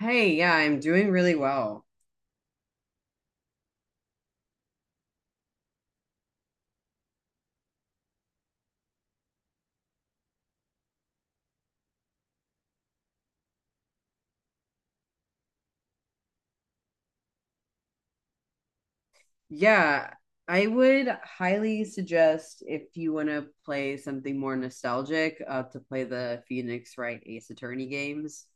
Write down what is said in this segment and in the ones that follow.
Hey, yeah, I'm doing really well. Yeah, I would highly suggest if you want to play something more nostalgic, to play the Phoenix Wright Ace Attorney games.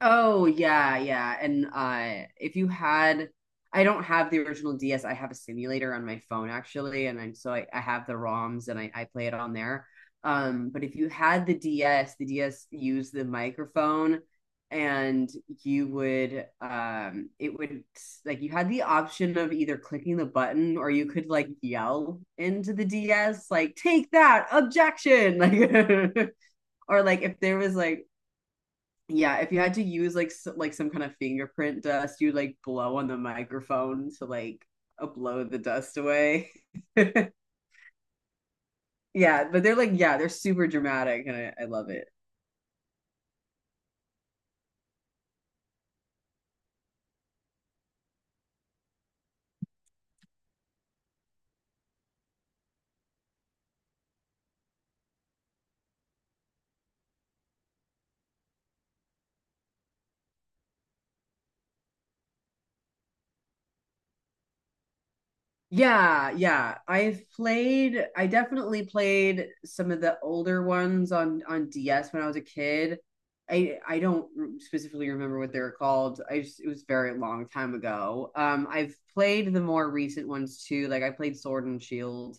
Oh yeah, yeah. And if you had I don't have the original DS. I have a simulator on my phone actually, and I have the ROMs and I play it on there. But if you had the DS, the DS used the microphone and you would it would like you had the option of either clicking the button or you could like yell into the DS like take that objection like or like if there was like, yeah, if you had to use like s like some kind of fingerprint dust, you'd like blow on the microphone to like blow the dust away. Yeah, but they're like yeah, they're super dramatic and I love it. Yeah, yeah. I definitely played some of the older ones on DS when I was a kid. I don't specifically remember what they were called. I just it was a very long time ago. I've played the more recent ones too. Like I played Sword and Shield.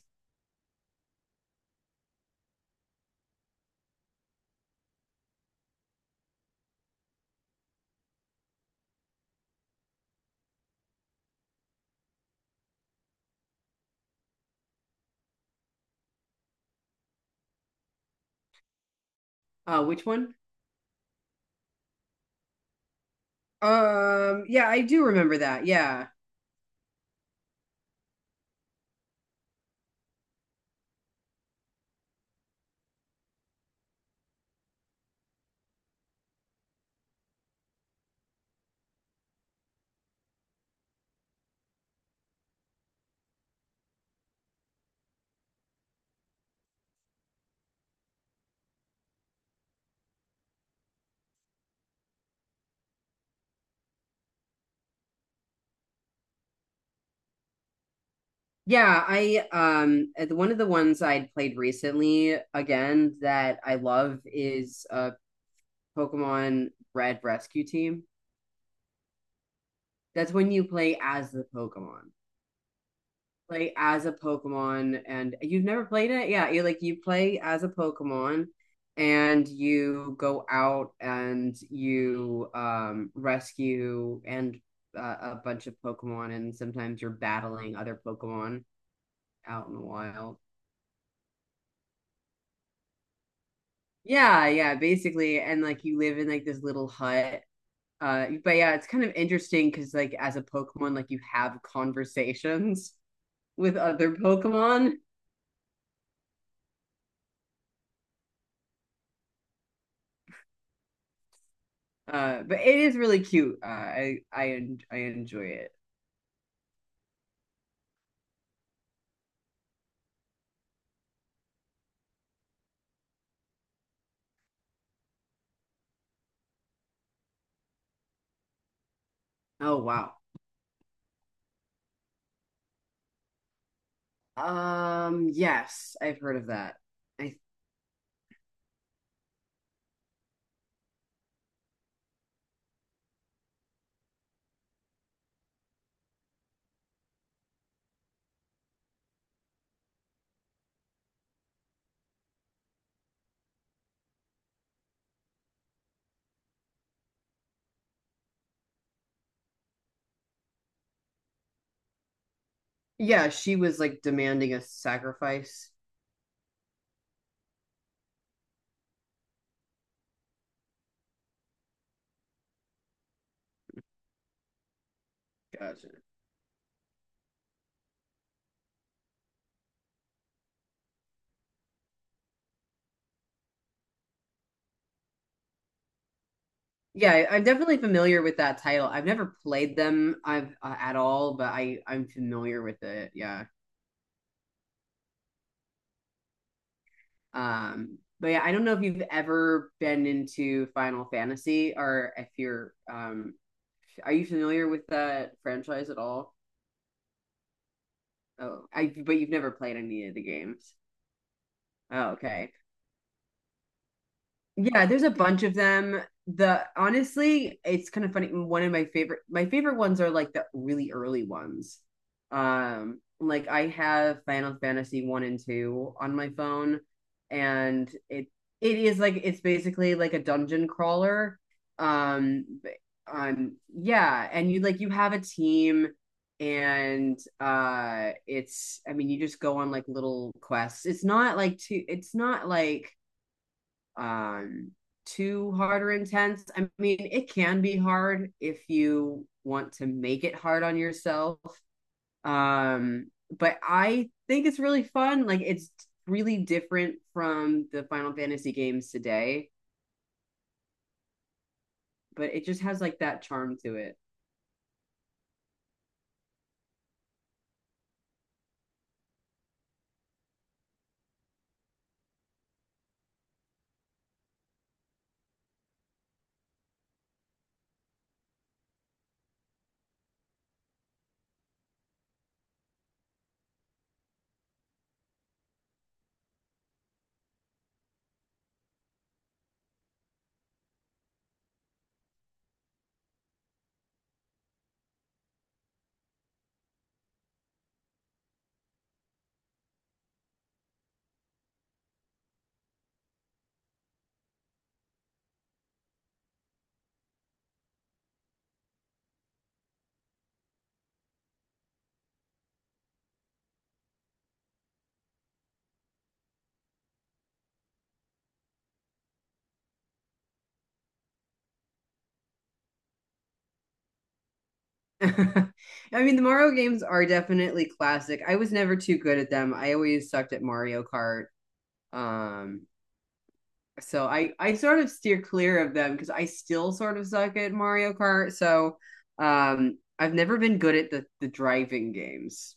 Which one? Yeah, I do remember that. Yeah. Yeah, I one of the ones I'd played recently again that I love is Pokemon Red Rescue Team. That's when you play as the Pokemon. Play as a Pokemon and you've never played it? Yeah, you like you play as a Pokemon and you go out and you rescue and uh, a bunch of Pokemon and sometimes you're battling other Pokemon out in the wild. Yeah, yeah, basically. And like you live in like this little hut. But yeah, it's kind of interesting because like as a Pokemon, like you have conversations with other Pokemon. But it is really cute. I enjoy it. Oh wow. Yes, I've heard of that. I Yeah, she was like demanding a sacrifice. Gotcha. Yeah, I am definitely familiar with that title. I've never played them I've at all, but I'm familiar with it. Yeah. But yeah, I don't know if you've ever been into Final Fantasy or if you're are you familiar with that franchise at all? Oh, I but you've never played any of the games. Oh, okay. Yeah, there's a bunch of them. The honestly, it's kind of funny. One of my favorite ones are like the really early ones. Like I have Final Fantasy one and two on my phone, and it is like it's basically like a dungeon crawler. Um, b- yeah, and you like you have a team, and it's I mean you just go on like little quests. It's not like too. It's not like um too hard or intense. I mean, it can be hard if you want to make it hard on yourself. Um, but I think it's really fun. Like it's really different from the Final Fantasy games today, but it just has like that charm to it. I mean, the Mario games are definitely classic. I was never too good at them. I always sucked at Mario Kart. Um, so I sort of steer clear of them because I still sort of suck at Mario Kart. So I've never been good at the driving games.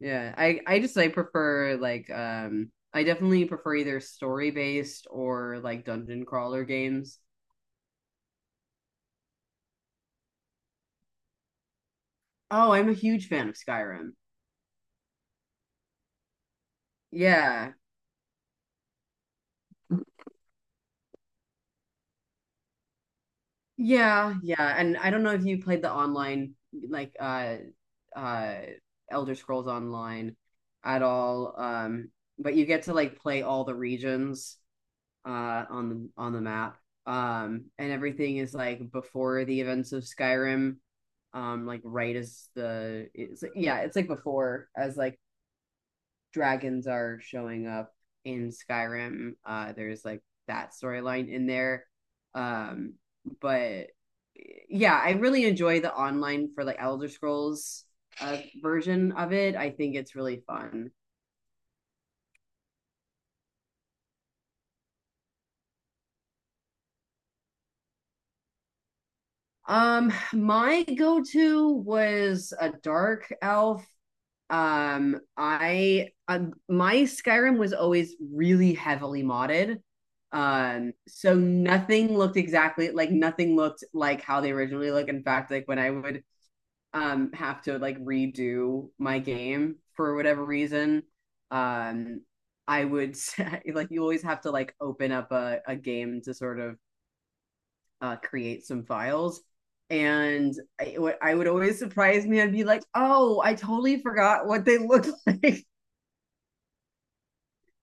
Yeah, I just I prefer like I definitely prefer either story based or like dungeon crawler games. Oh, I'm a huge fan of Skyrim. Yeah, yeah, yeah. And I don't know if you played the online like uh Elder Scrolls Online at all. But you get to like play all the regions on the map. And everything is like before the events of Skyrim. Like right as the it's yeah, it's like before as like dragons are showing up in Skyrim. There's like that storyline in there. Um, but yeah, I really enjoy the online for like Elder Scrolls version of it. I think it's really fun. My go to was a dark elf. I My Skyrim was always really heavily modded, so nothing looked exactly like nothing looked like how they originally look. In fact, like when I would have to like redo my game for whatever reason, um I would say, like you always have to like open up a game to sort of create some files. And what I would always surprise me. I'd be like, "Oh, I totally forgot what they looked like."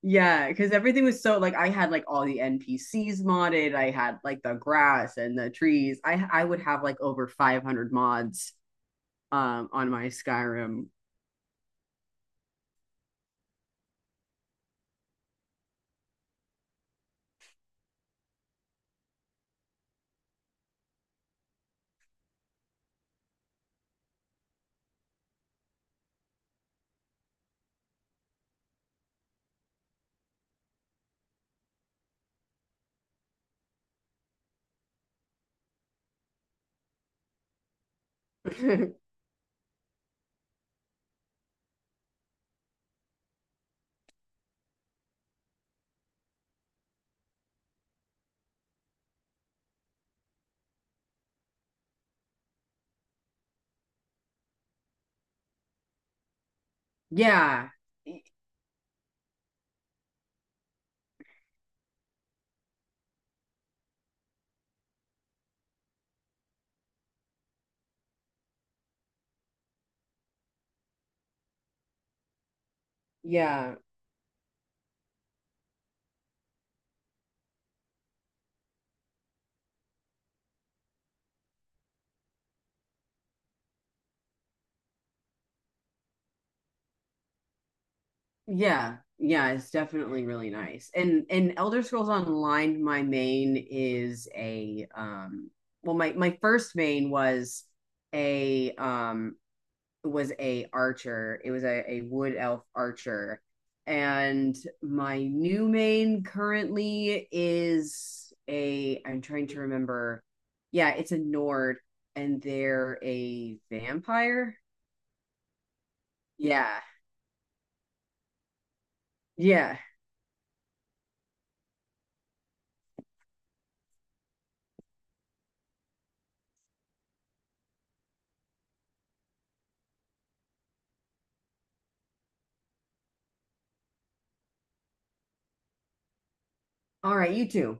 Yeah, because everything was so like I had like all the NPCs modded. I had like the grass and the trees. I would have like over 500 mods on my Skyrim. Yeah. Yeah. Yeah. Yeah, it's definitely really nice. And Elder Scrolls Online, my main is a well, my first main was a um a archer. It was a wood elf archer. And my new main currently is a, I'm trying to remember. Yeah, it's a Nord and they're a vampire. Yeah. Yeah. All right, you two.